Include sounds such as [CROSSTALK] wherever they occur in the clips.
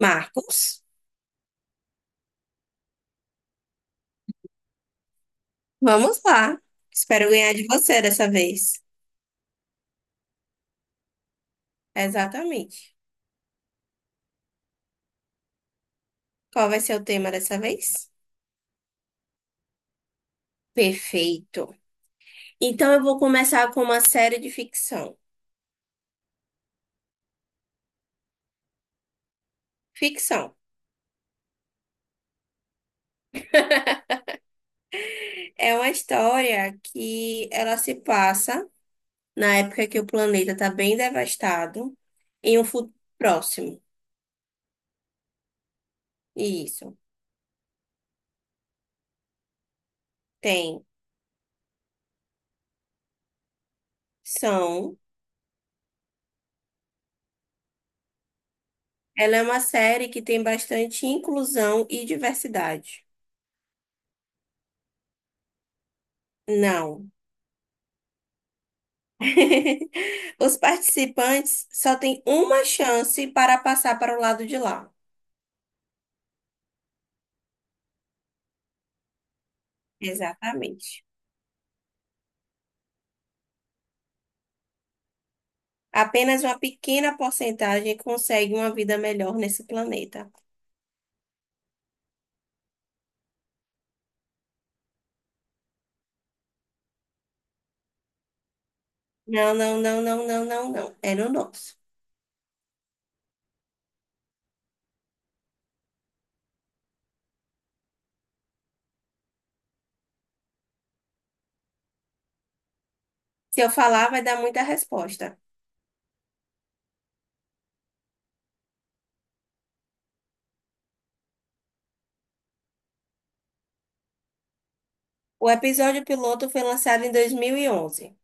Marcos, vamos lá. Espero ganhar de você dessa vez. Exatamente. Qual vai ser o tema dessa vez? Perfeito. Então eu vou começar com uma série de ficção. Ficção é uma história que ela se passa na época que o planeta está bem devastado, em um futuro próximo. Isso. Tem. São. Ela é uma série que tem bastante inclusão e diversidade. Não. [LAUGHS] Os participantes só têm uma chance para passar para o lado de lá. Exatamente. Apenas uma pequena porcentagem consegue uma vida melhor nesse planeta. Não, não, não, não, não, não, não. É no nosso. Se eu falar, vai dar muita resposta. O episódio piloto foi lançado em 2011.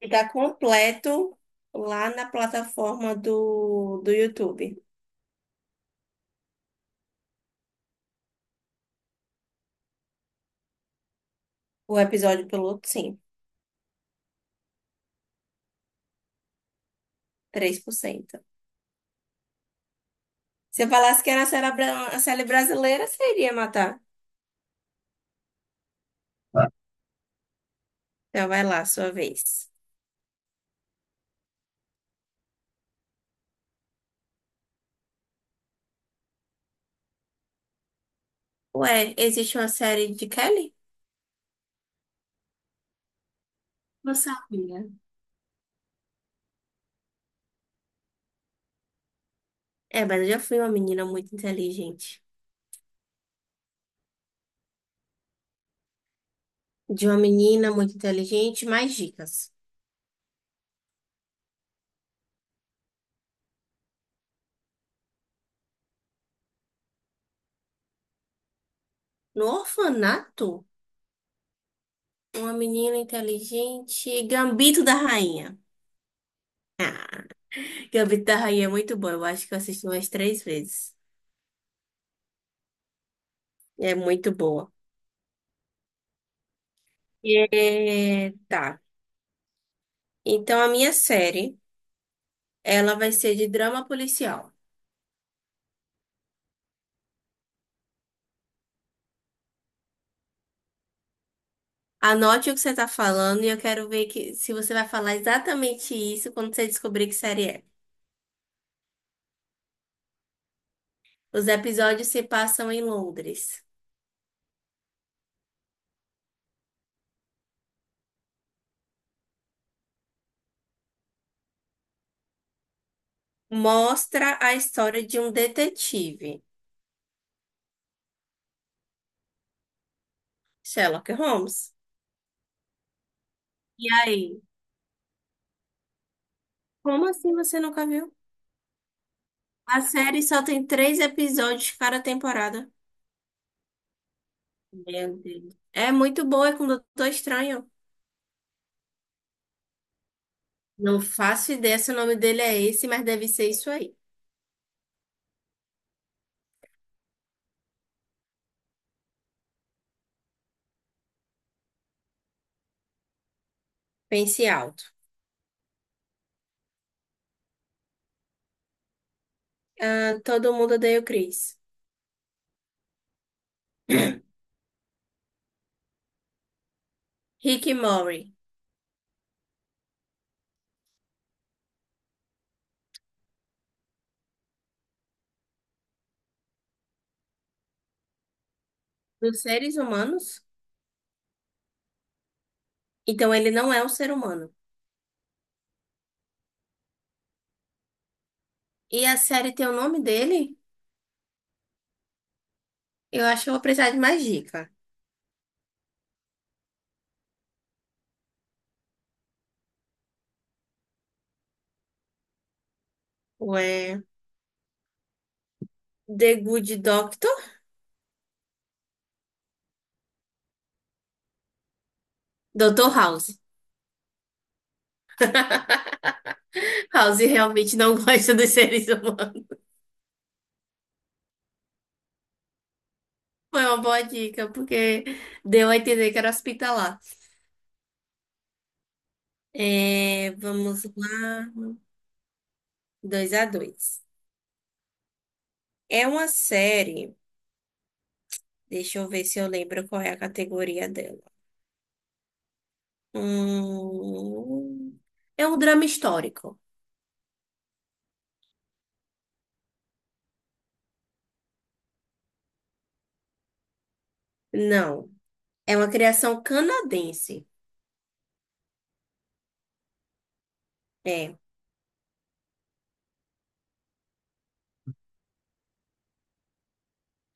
Está completo lá na plataforma do YouTube. O episódio piloto, sim. 3%. Se eu falasse que era a série brasileira, seria matar. Então vai lá, sua vez. Ué, existe uma série de Kelly? Não sabia. É, mas eu já fui uma menina muito inteligente. De uma menina muito inteligente, mais dicas. No orfanato, uma menina inteligente, Gambito da Rainha. Gambito da Rainha é muito boa. Eu acho que eu assisti umas três vezes. É muito boa. É, tá. Então a minha série, ela vai ser de drama policial. Anote o que você tá falando e eu quero ver que, se você vai falar exatamente isso quando você descobrir que série é. Os episódios se passam em Londres. Mostra a história de um detetive, Sherlock Holmes. E aí? Como assim você nunca viu? A série só tem três episódios cada temporada. Meu Deus. É muito boa, é com o Doutor Estranho. Não faço ideia se o nome dele é esse, mas deve ser isso aí. Pense alto. Ah, todo mundo odeia o Chris. [CLEARS THROAT] Rick e Morty. Dos seres humanos? Então ele não é um ser humano. E a série tem o nome dele? Eu acho que eu vou precisar de mais dica. Ué, The Good Doctor? Dr. House. House realmente não [LAUGHS] gosta dos seres humanos. Foi uma boa dica, porque deu a entender que era hospitalar. É, vamos lá. Dois a 2. É uma série. Deixa eu ver se eu lembro qual é a categoria dela. Hum, é um drama histórico. Não. É uma criação canadense. É.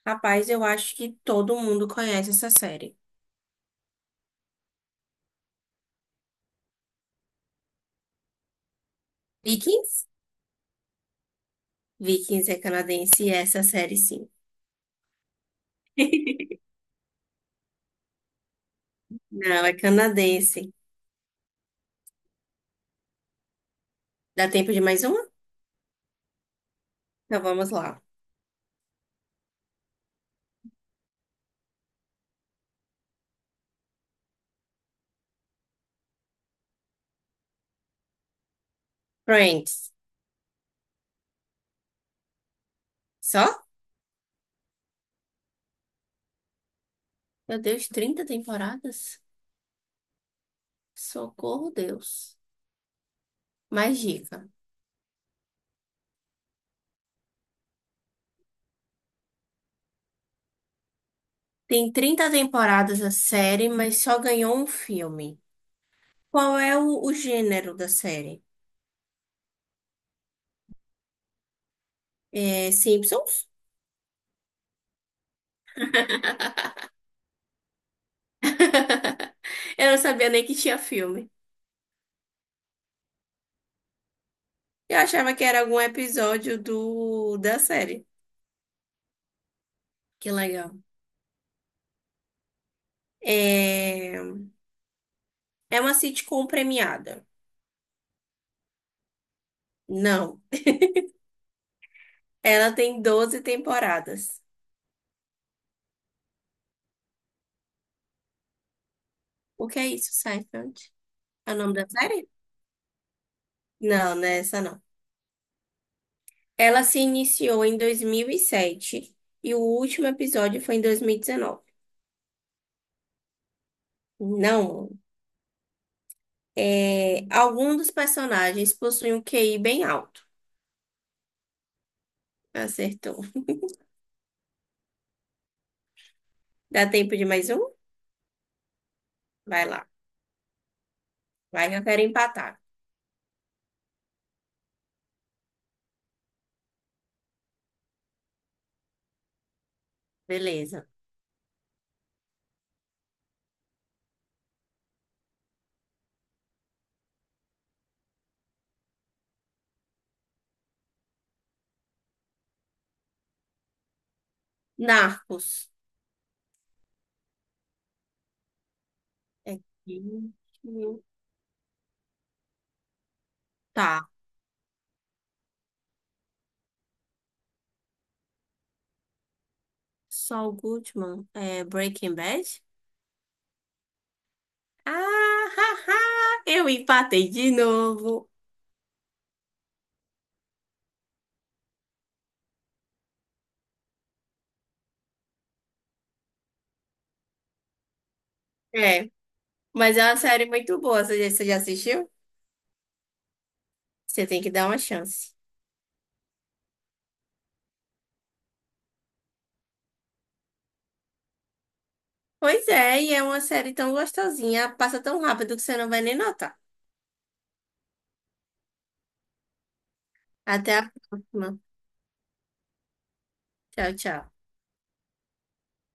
Rapaz, eu acho que todo mundo conhece essa série. Vikings? Vikings é canadense e é essa série sim. [LAUGHS] Não, é canadense. Dá tempo de mais uma? Então vamos lá. Friends. Só? Meu Deus, 30 temporadas? Socorro, Deus. Mais dica. Tem 30 temporadas a série, mas só ganhou um filme. Qual é o gênero da série? É Simpsons? [LAUGHS] Eu não sabia nem que tinha filme. Eu achava que era algum episódio do da série. Que legal. É, é uma sitcom premiada. Não. Ela tem 12 temporadas. O que é isso, Seinfeld? É o nome da série? Não, não é essa não. Ela se iniciou em 2007 e o último episódio foi em 2019. Não. Algum dos personagens possui um QI bem alto. Acertou. Dá tempo de mais um? Vai lá. Vai que eu quero empatar. Beleza. Narcos. É aqui. Tá. Saul Goodman. É Breaking Bad? Ah, [LAUGHS] ha, ha. Eu empatei de novo. É. Mas é uma série muito boa. Você já assistiu? Você tem que dar uma chance. Pois é, e é uma série tão gostosinha. Passa tão rápido que você não vai nem notar. Até a próxima. Tchau, tchau.